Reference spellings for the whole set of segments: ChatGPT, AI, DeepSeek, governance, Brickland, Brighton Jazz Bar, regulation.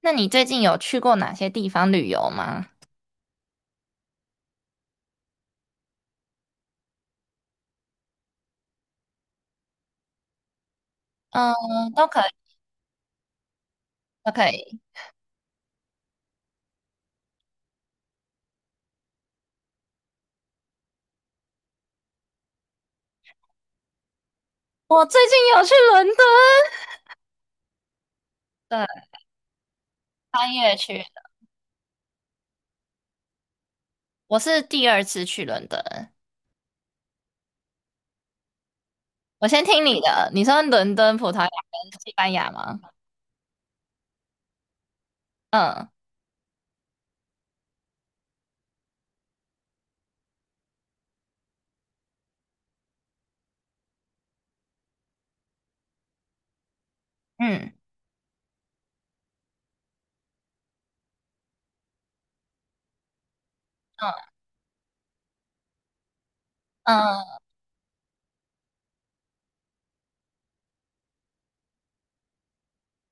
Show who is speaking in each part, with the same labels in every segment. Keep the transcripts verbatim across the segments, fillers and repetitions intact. Speaker 1: 那你最近有去过哪些地方旅游吗？嗯，都可以，都可以。我最近有去伦敦，对，三月去的。我是第二次去伦敦。我先听你的，你说伦敦、葡萄牙跟西班牙吗？嗯嗯嗯嗯，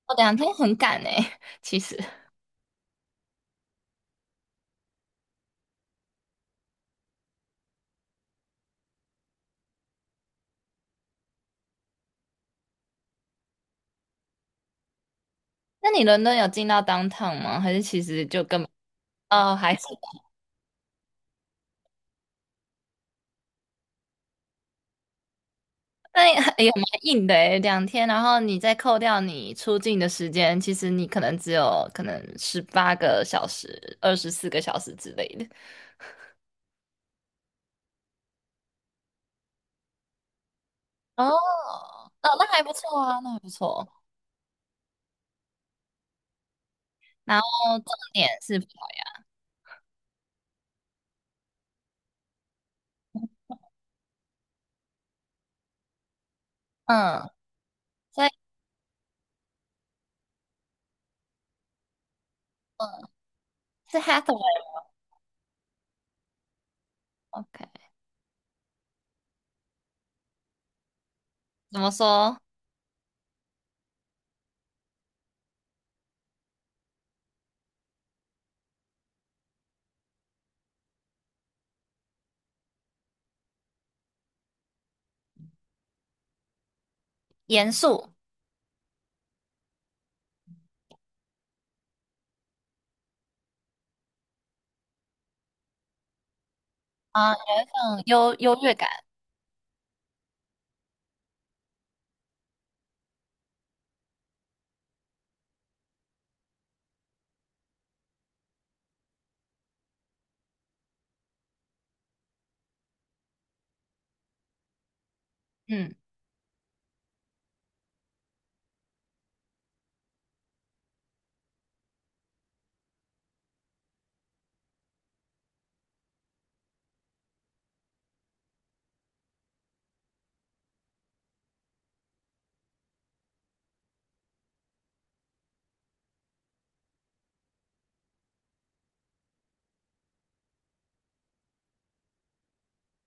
Speaker 1: 我两天很赶诶、其实。那你伦敦有进到 downtown 吗？还是其实就根本？哦，还是。那也很也蛮硬的诶，两天，然后你再扣掉你出境的时间，其实你可能只有可能十八个小时、二十四个小时之类的。哦，哦，那还不错啊，那还不错。然后重点是，嗯，所以嗯是 Hathaway，OK，怎么说？严肃啊，有一种优优越感，嗯，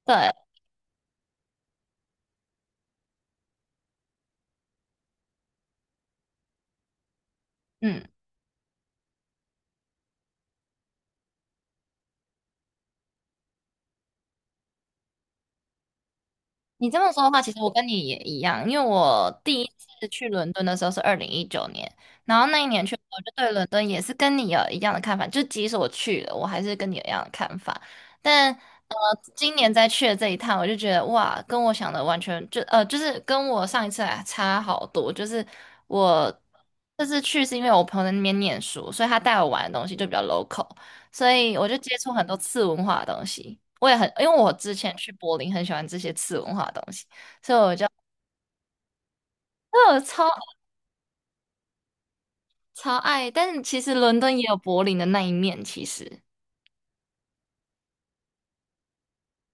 Speaker 1: 对，嗯，你这么说的话，其实我跟你也一样，因为我第一次去伦敦的时候是二零一九年，然后那一年去，我就对伦敦也是跟你有一样的看法，就即使我去了，我还是跟你有一样的看法。但呃，今年再去的这一趟，我就觉得哇，跟我想的完全就呃，就是跟我上一次来差好多。就是我这次去是因为我朋友在那边念书，所以他带我玩的东西就比较 local。所以我就接触很多次文化的东西。我也很，因为我之前去柏林很喜欢这些次文化的东西，所以我就，那我超超爱。但是其实伦敦也有柏林的那一面，其实，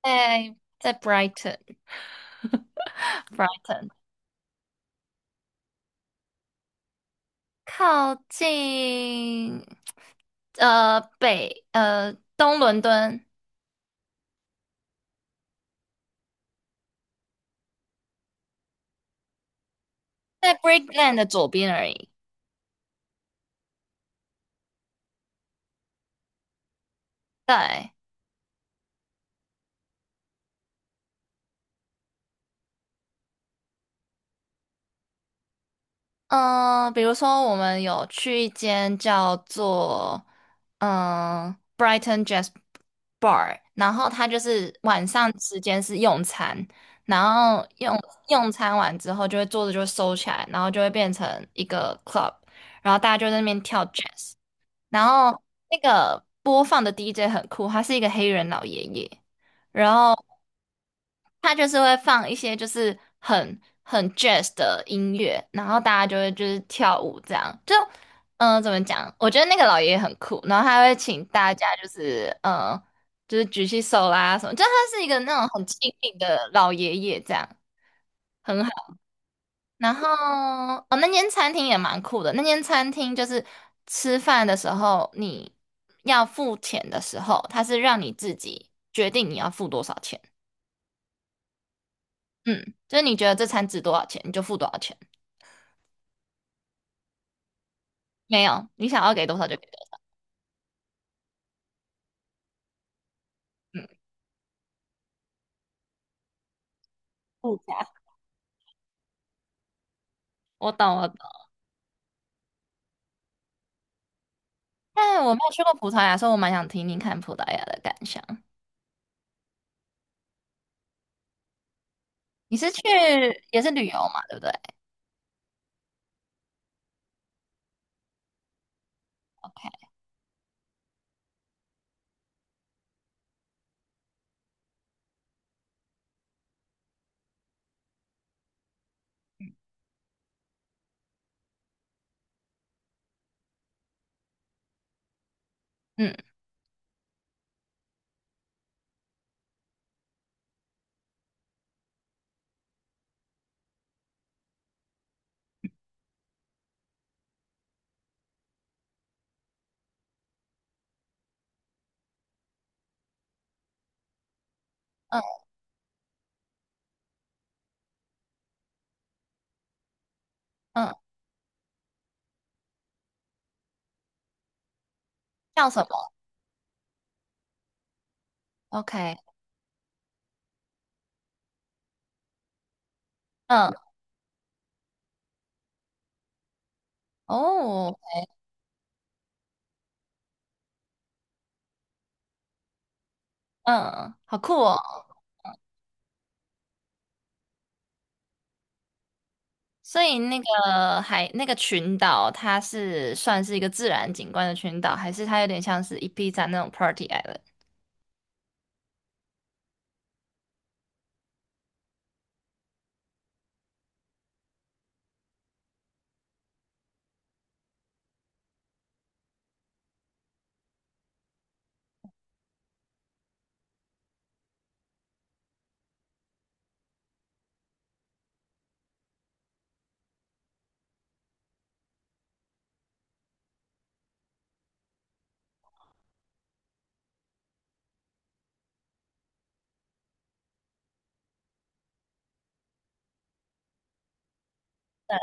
Speaker 1: 在在 Brighton，Brighton 靠近呃北呃东伦敦，在 Brickland 的左边而已。对，嗯，比如说我们有去一间叫做嗯 Brighton Jazz Bar，然后它就是晚上时间是用餐，然后用用餐完之后就会桌子就会收起来，然后就会变成一个 club，然后大家就在那边跳 jazz，然后那个播放的 D J 很酷，他是一个黑人老爷爷。然后。他就是会放一些就是很很 jazz 的音乐，然后大家就会就是跳舞这样。就嗯、呃怎么讲？我觉得那个老爷爷很酷，然后他会请大家就是嗯、呃就是举起手啦什么，就他是一个那种很亲民的老爷爷这样，很好。然后哦，那间餐厅也蛮酷的，那间餐厅就是吃饭的时候你要付钱的时候，他是让你自己决定你要付多少钱。嗯，就是你觉得这餐值多少钱，你就付多少钱。没有，你想要给多少就给多少。嗯，物价。我懂，我懂。但我没有去过葡萄牙，所以我蛮想听听看葡萄牙的感想。你是去也是旅游嘛，对不对？OK，嗯嗯嗯，叫什么？OK，嗯哦，嗯，好酷哦。所以那个海那个群岛，它是算是一个自然景观的群岛，还是它有点像是一 p 站那种 party island？对，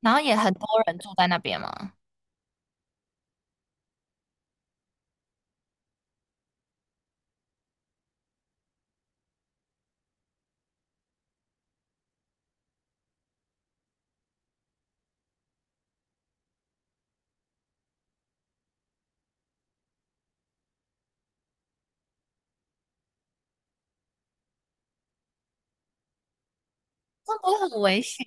Speaker 1: 然后也很多人住在那边吗？那不会很危险？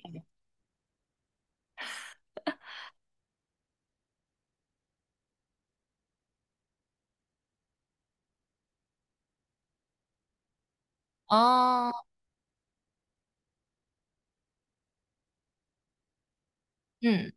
Speaker 1: 哦，嗯，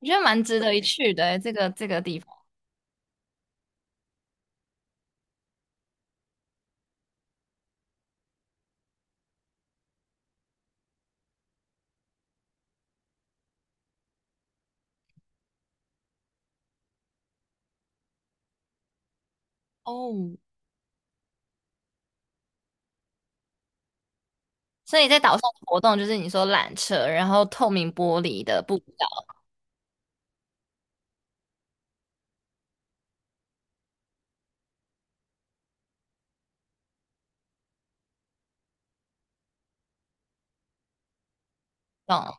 Speaker 1: 我觉得蛮值得一去的诶这个这个地方哦。所以在岛上的活动就是你说缆车，然后透明玻璃的步道，哦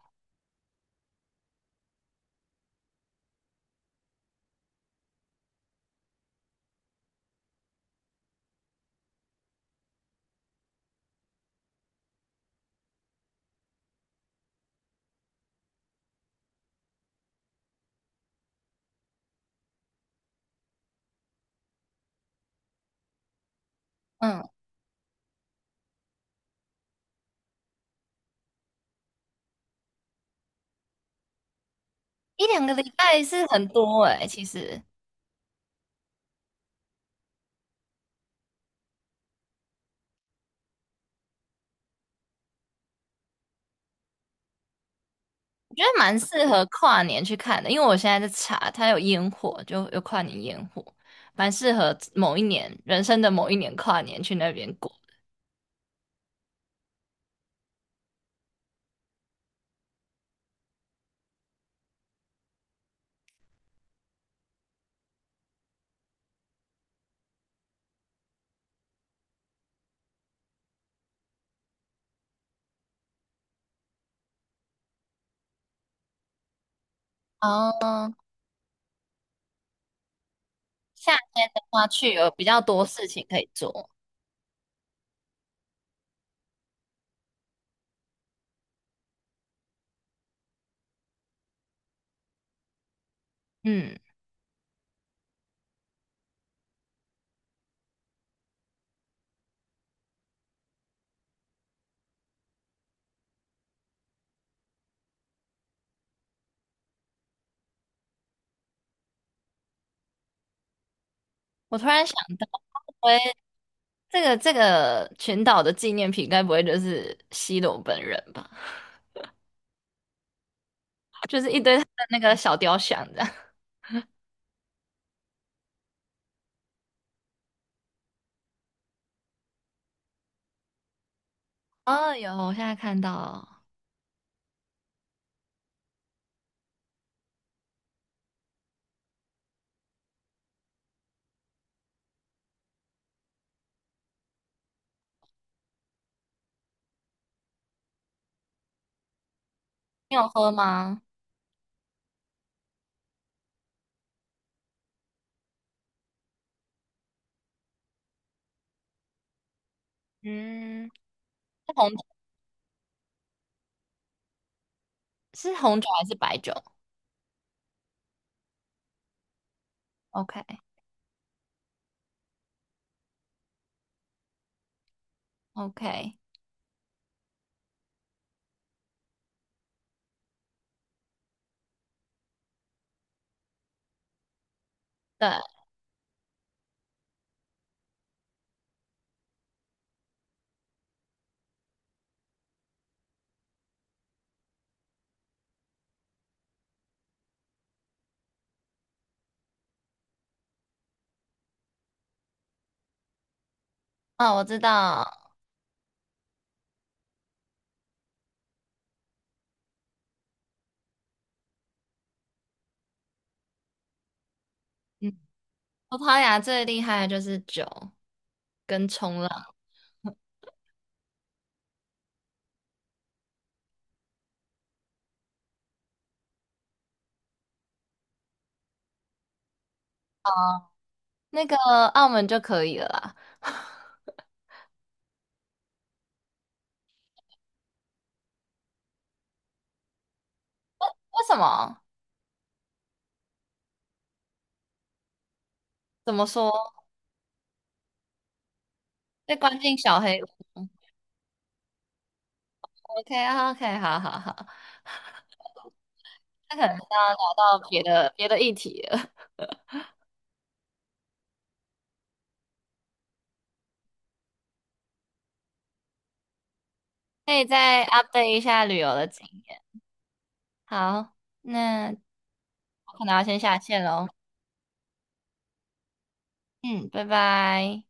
Speaker 1: 嗯，一两个礼拜是很多诶，其实我觉得蛮适合跨年去看的，因为我现在在查，它有烟火，就有跨年烟火，蛮适合某一年人生的某一年跨年去那边过。哦，夏天的话去有比较多事情可以做。嗯，我突然想到。这个这个群岛的纪念品，该不会就是西罗本人吧？就是一堆他的那个小雕像这样。哦，有，我现在看到。你有喝吗？嗯，是红是红酒还是白酒？OK OK，对，哦，我知道。嗯，葡萄牙最厉害的就是酒跟冲浪，那个澳门就可以了啦。为什么？怎么说？被关进小黑屋？OK OK，好好好，那可能是要聊到别的别的议题了。可以再 update 一下旅游的经验。好，那我可能要先下线喽。嗯，拜拜。